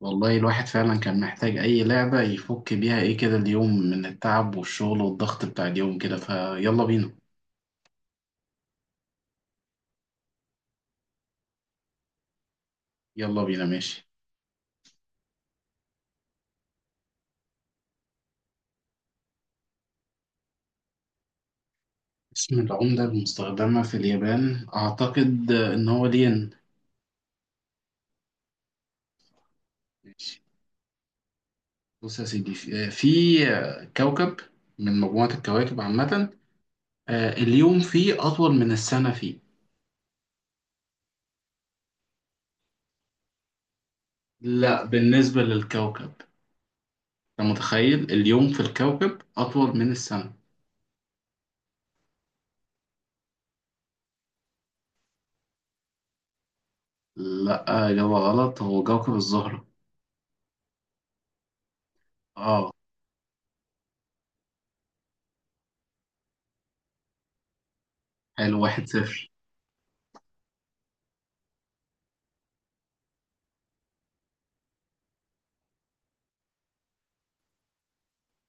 والله الواحد فعلا كان محتاج أي لعبة يفك بيها إيه كده اليوم من التعب والشغل والضغط بتاع اليوم كده، فيلا بينا. يلا بينا، ماشي. اسم العملة المستخدمة في اليابان، أعتقد إن هو الين. ماشي. بص يا سيدي، في كوكب من مجموعة الكواكب عامة. اليوم فيه أطول من السنة فيه. لا، بالنسبة للكوكب. أنت متخيل اليوم في الكوكب أطول من السنة؟ لا، إجابة غلط، هو كوكب الزهرة. اه، حلو، واحد صفر.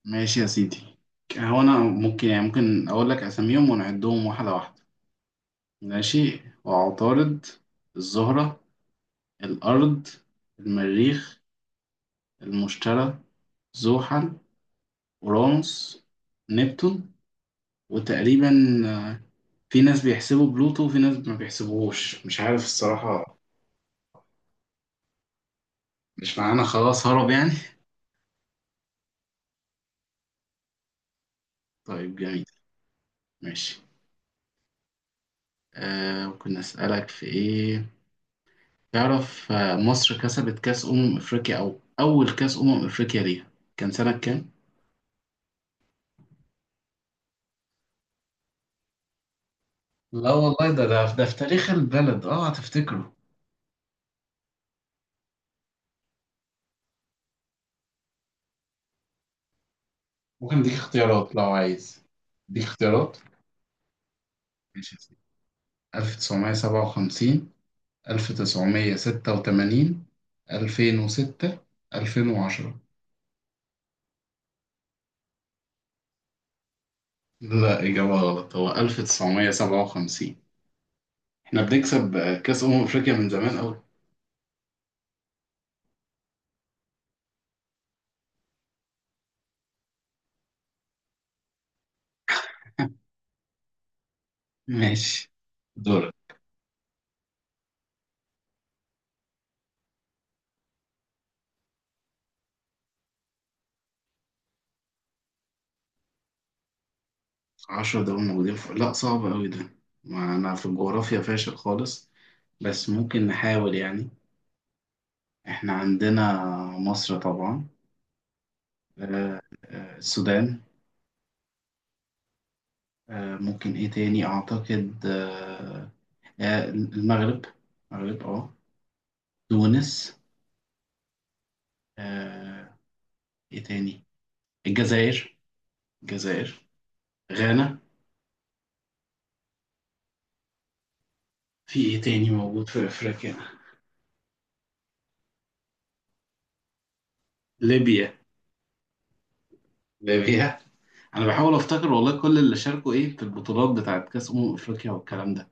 ماشي يا سيدي. هو أنا ممكن، يعني ممكن أقول لك أساميهم ونعدهم واحدة واحدة. ماشي، وعطارد، الزهرة، الأرض، المريخ، المشتري، زحل، أورانوس، نبتون، وتقريبا في ناس بيحسبوا بلوتو وفي ناس ما بيحسبوهوش، مش عارف الصراحة. مش معانا خلاص، هرب يعني. طيب جميل. ماشي. ممكن أسألك في إيه. تعرف، مصر كسبت كأس أمم أفريقيا، أو أول كأس أمم أفريقيا ليها كان سنة كام؟ لا والله، ده في تاريخ البلد، اه هتفتكره. ممكن اديك اختيارات لو عايز؟ اديك اختيارات. ماشي يا سيدي. 1957، 1986، 2006، 2010. لا، إجابة غلط، هو 1957. إحنا بنكسب كأس أمم أفريقيا من زمان أوي. ماشي، دورك. عشرة دول موجودين في... لا، صعب أوي ده. ما أنا في الجغرافيا فاشل خالص. بس ممكن نحاول يعني. إحنا عندنا مصر طبعا. السودان. ممكن إيه تاني؟ أعتقد المغرب. المغرب، أه. تونس. آه، إيه تاني؟ الجزائر، الجزائر. غانا. في إيه تاني موجود في أفريقيا؟ ليبيا، ليبيا. أنا بحاول أفتكر والله كل اللي شاركوا إيه في البطولات بتاعت كأس أمم أفريقيا والكلام ده.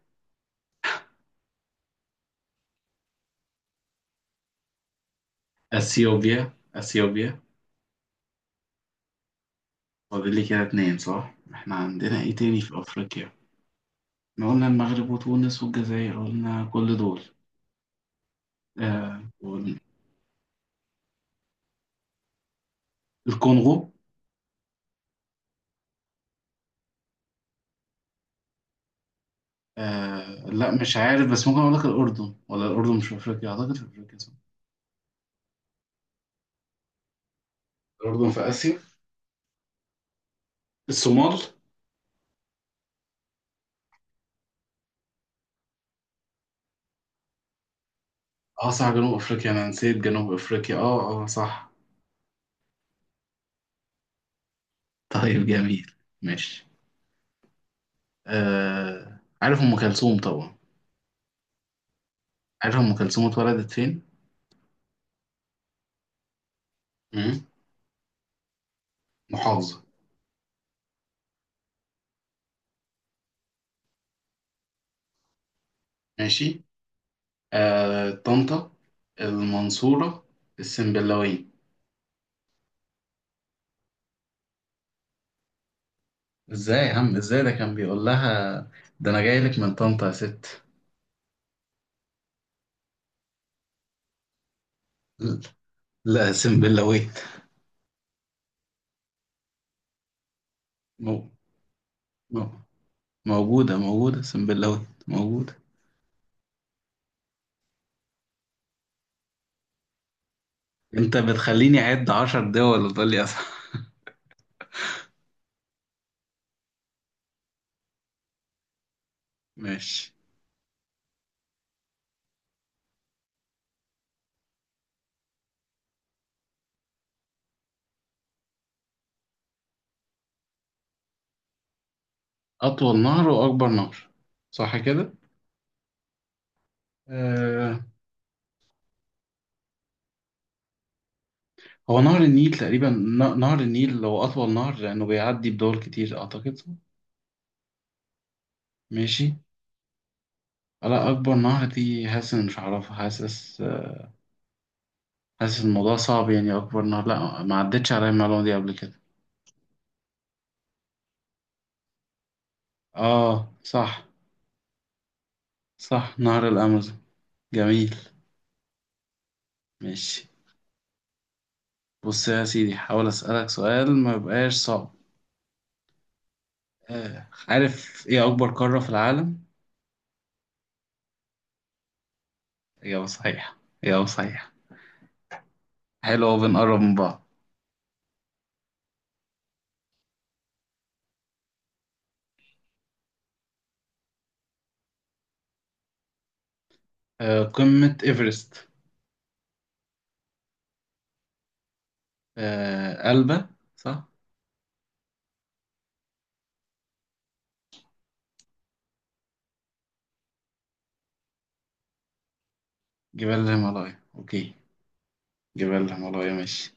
اثيوبيا، اثيوبيا. فاضل لي كده اتنين، صح. احنا عندنا ايه تاني في افريقيا؟ احنا قلنا المغرب وتونس والجزائر، قلنا كل دول. آه وال- الكونغو. لا، مش عارف، بس ممكن اقول لك الاردن، ولا الاردن مش في افريقيا؟ اعتقد في افريقيا، صح. الاردن في اسيا. الصومال. اه صح، جنوب افريقيا، انا نسيت جنوب افريقيا، اه اه صح. طيب جميل، ماشي. عارف ام كلثوم طبعا. عارف ام كلثوم اتولدت فين؟ مم. محافظة. ماشي. طنطا، المنصورة، السنبلاوية. ازاي يا عم، ازاي؟ ده كان بيقول لها: ده انا جاي لك من طنطا يا ست. لا، سنبلاوية. مو... مو... موجودة، موجودة، سنبلاوية موجودة. انت بتخليني اعد عشر دول وتقول لي أصح. ماشي. اطول نهر واكبر نهر، صح كده. آه... هو نهر النيل تقريبا، نهر النيل هو اطول نهر لانه بيعدي بدول كتير اعتقد. ماشي. لا، اكبر نهر دي، حاسس إن مش هعرفها، حاسس. حاسس الموضوع صعب يعني، اكبر نهر، لا ما عدتش عليا المعلومه دي قبل كده. اه صح. صح، نهر الامازون. جميل، ماشي. بص يا سيدي، حاول اسالك سؤال ما يبقاش صعب. عارف ايه اكبر قاره في العالم؟ اجابه صحيحه، اجابه صحيحه. حلو أوي، بنقرب من بعض. قمه ايفرست. قلبه. صح. جبال الهيمالايا، اوكي. جبال الهيمالايا، ماشي.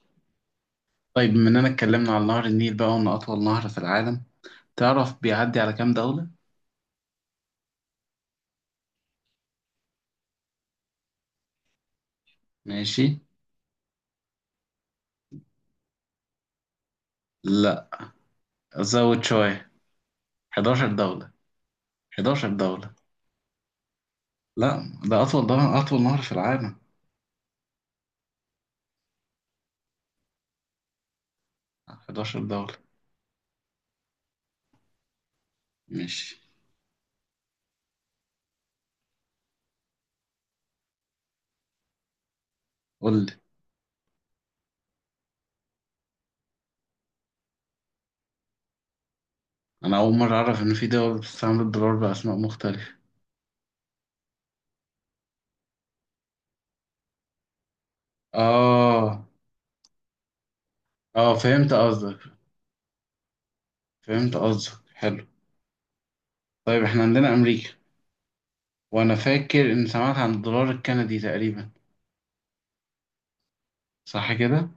طيب بما اننا اتكلمنا عن نهر النيل بقى وانه اطول نهر في العالم، تعرف بيعدي على كام دولة؟ ماشي، لا زود شوية. 11 دولة، 11 دولة. لا، ده اطول، ده اطول نهر في العالم. 11 دولة. ماشي، قول لي. انا اول مرة اعرف ان في دول بتستعمل الدولار باسماء مختلفة. اه اه، فهمت قصدك، فهمت قصدك، حلو. طيب احنا عندنا امريكا. وانا فاكر ان سمعت عن الدولار الكندي تقريبا، صح كده.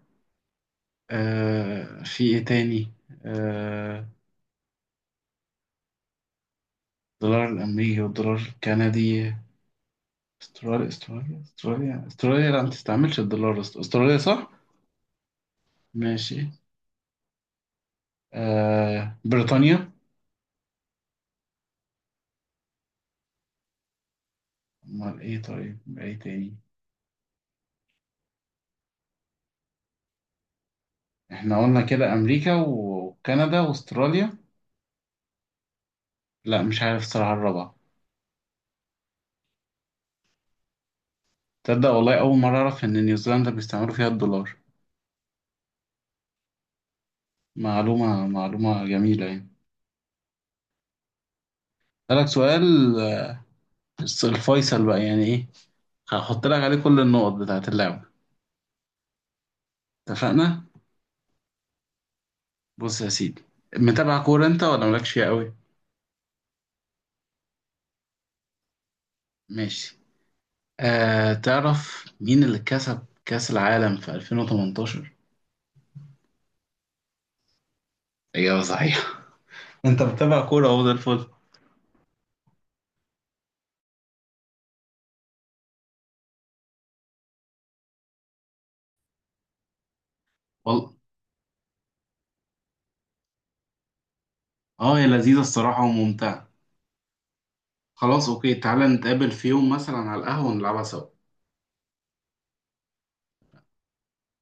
في ايه تاني. آه الدولار الامريكي والدولار الكندي. استراليا، لا ما تستعملش الدولار. استراليا، صح. ماشي. بريطانيا. امال ايه، طيب ايه تاني. احنا قلنا كده امريكا وكندا واستراليا. لا مش عارف الصراحه الرابعه. تصدق والله، اول مره اعرف ان نيوزيلندا بيستعملوا فيها الدولار. معلومه جميله يعني. اسالك سؤال. آه، الفيصل بقى يعني ايه. هحط لك عليه كل النقط بتاعت اللعبه. اتفقنا. بص يا سيدي، متابع كورة انت ولا مالكش فيها قوي؟ ماشي. تعرف مين اللي كسب كأس العالم في 2018؟ اجابة صحيحة. انت متابع كورة، اهو ده الفل. والله، اه هي لذيذة الصراحة وممتعة. خلاص اوكي، تعالى نتقابل في يوم مثلا على القهوة ونلعبها سوا.